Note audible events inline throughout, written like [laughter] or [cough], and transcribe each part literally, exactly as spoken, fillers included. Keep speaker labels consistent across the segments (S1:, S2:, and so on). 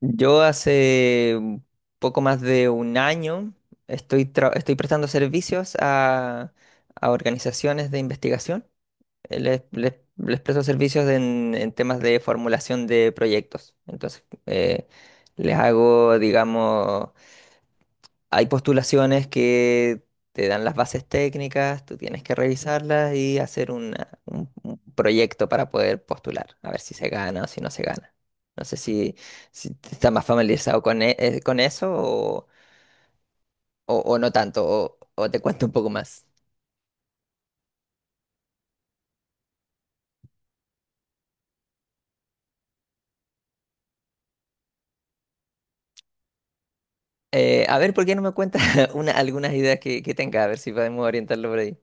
S1: Yo hace un poco más de un año estoy, tra- estoy prestando servicios a, a organizaciones de investigación. Eh, Les, les- les presto servicios en, en temas de formulación de proyectos. Entonces, eh, les hago, digamos, hay postulaciones que te dan las bases técnicas, tú tienes que revisarlas y hacer una- un, un proyecto para poder postular, a ver si se gana o si no se gana. No sé si, si estás más familiarizado con, e- eh, con eso o, o- o no tanto, o, o te cuento un poco más. Eh, a ver, ¿por qué no me cuentas [laughs] una- algunas ideas que, que tenga? A ver si podemos orientarlo por ahí.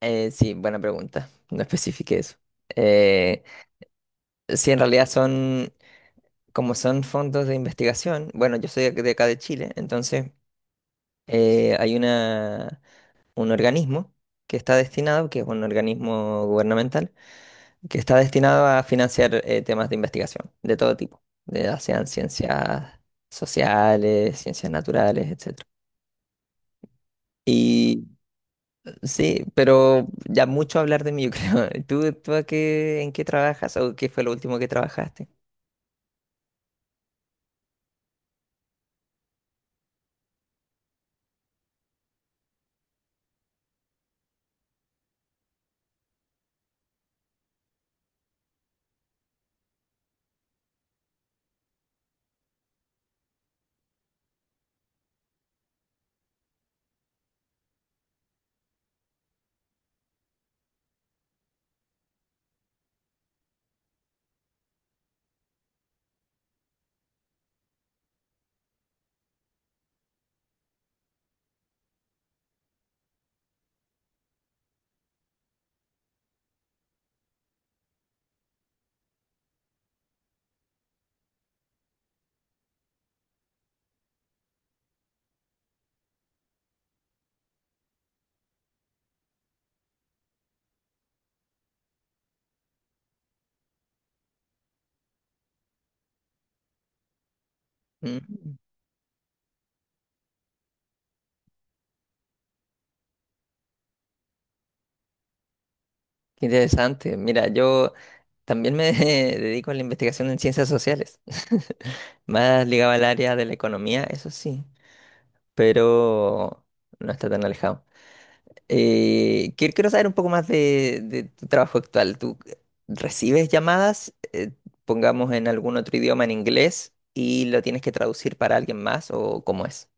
S1: Eh, sí, buena pregunta. No especifique eso. Eh, sí, en realidad son como son fondos de investigación. Bueno, yo soy de acá de Chile, entonces eh, hay una, un organismo que está destinado, que es un organismo gubernamental, que está destinado a financiar eh, temas de investigación de todo tipo, de, ya sean ciencias sociales, ciencias naturales, etcétera. Y sí, pero ya mucho hablar de mí, yo creo. [laughs] ¿Tú, tú a qué, en qué trabajas o qué fue lo último que trabajaste? Mm, qué interesante. Mira, yo también me [laughs] dedico a la investigación en ciencias sociales, [laughs] más ligado al área de la economía, eso sí, pero no está tan alejado. Eh, quiero, quiero saber un poco más de, de tu trabajo actual. ¿Tú recibes llamadas, eh, pongamos en algún otro idioma, en inglés, y lo tienes que traducir para alguien más o cómo es?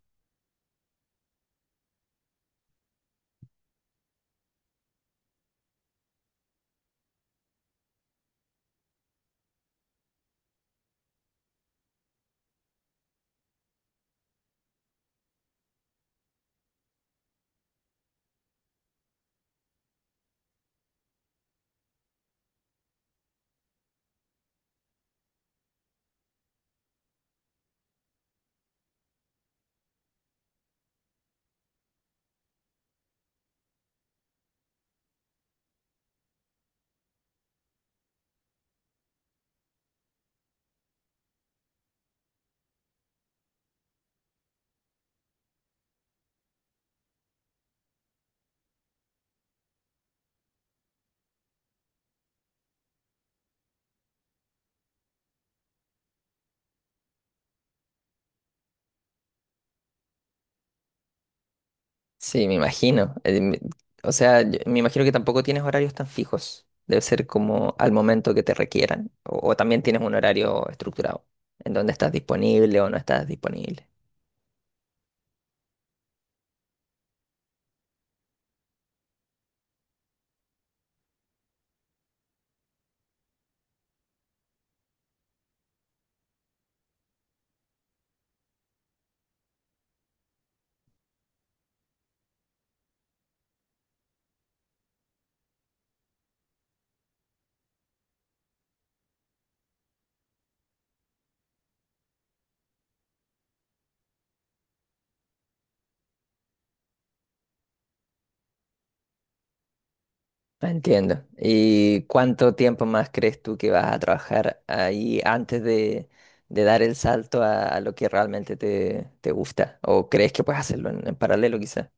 S1: Sí, me imagino. Eh, me- O sea, yo- me imagino que tampoco tienes horarios tan fijos. Debe ser como al momento que te requieran. O, o también tienes un horario estructurado en donde estás disponible o no estás disponible. Ah, entiendo. ¿Y cuánto tiempo más crees tú que vas a trabajar ahí antes de, de dar el salto a, a lo que realmente te, te gusta? ¿O crees que puedes hacerlo en, en paralelo quizás?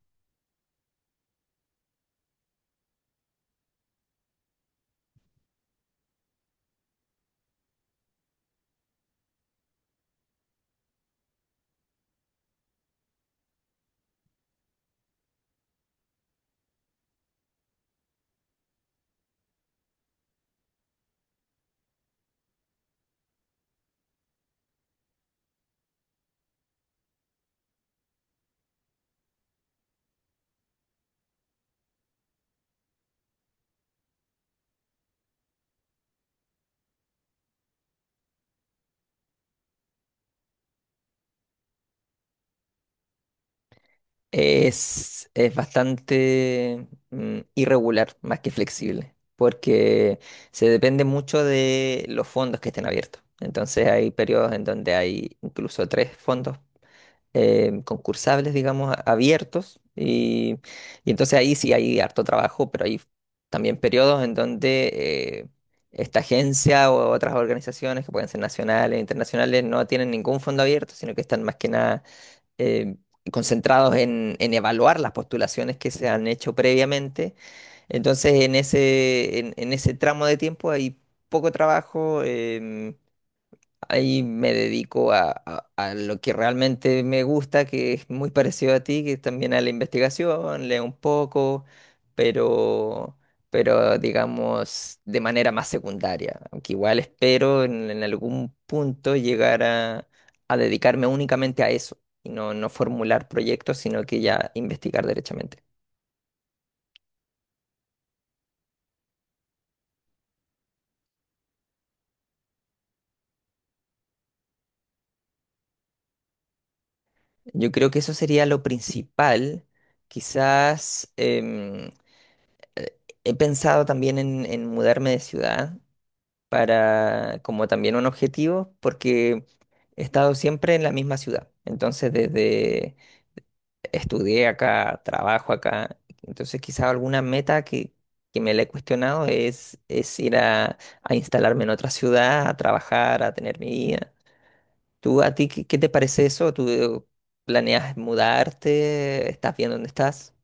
S1: Es, es bastante mm, irregular, más que flexible, porque se depende mucho de los fondos que estén abiertos. Entonces hay periodos en donde hay incluso tres fondos eh, concursables, digamos, a- abiertos. Y, y entonces ahí sí hay harto trabajo, pero hay también periodos en donde eh, esta agencia o otras organizaciones que pueden ser nacionales, e internacionales, no tienen ningún fondo abierto, sino que están más que nada eh, concentrados en, en evaluar las postulaciones que se han hecho previamente. Entonces, en ese, en, en ese tramo de tiempo hay poco trabajo. em, Ahí me dedico a, a- a lo que realmente me gusta, que es muy parecido a ti, que es también a la investigación, leo un poco, pero, pero digamos de manera más secundaria. Aunque igual espero en, en algún punto llegar a, a dedicarme únicamente a eso y no, no formular proyectos, sino que ya investigar derechamente. Yo creo que eso sería lo principal. Quizás em, eh, he pensado también en en mudarme de ciudad para como también un objetivo, porque he estado siempre en la misma ciudad. Entonces, desde estudié acá, trabajo acá, entonces quizá alguna meta que, que me la he cuestionado es, es ir a, a instalarme en otra ciudad, a trabajar, a tener mi vida. ¿Tú a ti qué, qué te parece eso? ¿Tú planeas mudarte? ¿Estás bien donde estás?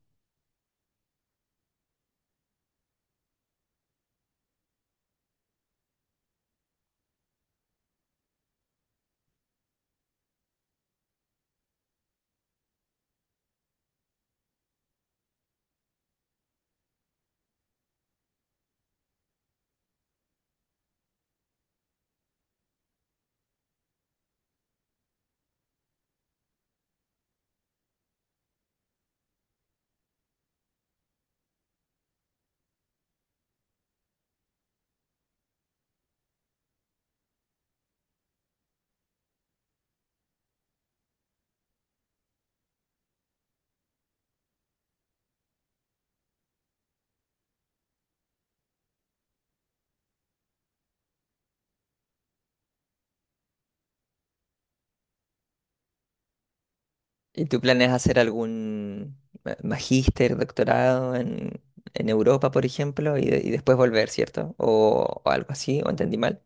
S1: ¿Y tu plan es hacer algún ma- magíster, doctorado en, en Europa, por ejemplo, y, de- y después volver, cierto? O, o algo así, ¿o entendí mal?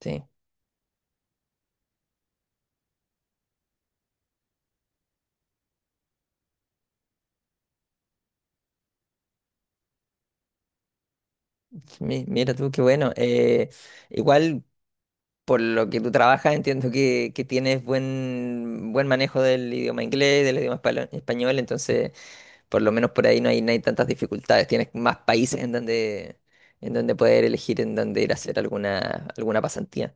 S1: Sí. Mi- Mira tú, qué bueno. Eh, igual, por lo que tú trabajas, entiendo que, que tienes buen, buen manejo del idioma inglés, del idioma espalo- español, entonces, por lo menos por ahí no hay, no hay tantas dificultades. Tienes más países en donde, en donde poder elegir, en donde ir a hacer alguna, alguna pasantía.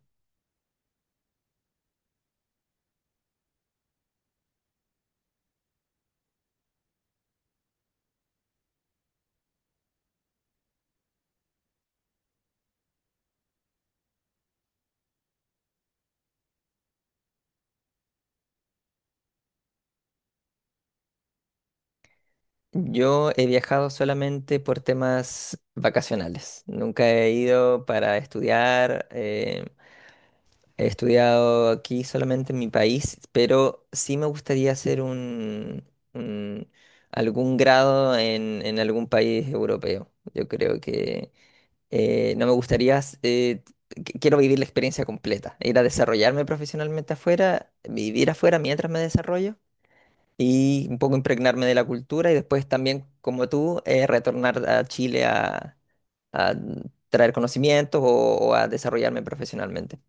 S1: Yo he viajado solamente por temas vacacionales. Nunca he ido para estudiar. eh, he estudiado aquí solamente en mi país, pero sí me gustaría hacer un, un- algún grado en, en algún país europeo. Yo creo que eh, no me gustaría s- eh, qu- quiero vivir la experiencia completa. Ir a desarrollarme profesionalmente afuera, vivir afuera mientras me desarrollo y un poco impregnarme de la cultura y después también, como tú, eh, retornar a Chile a, a traer conocimientos o, o a desarrollarme profesionalmente.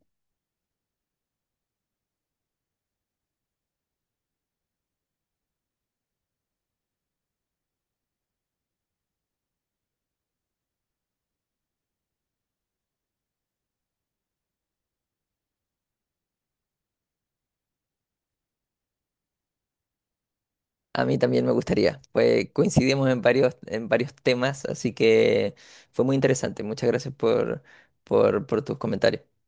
S1: A mí también me gustaría, pues coincidimos en varios, en varios temas, así que fue muy interesante. Muchas gracias por, por, por tus comentarios.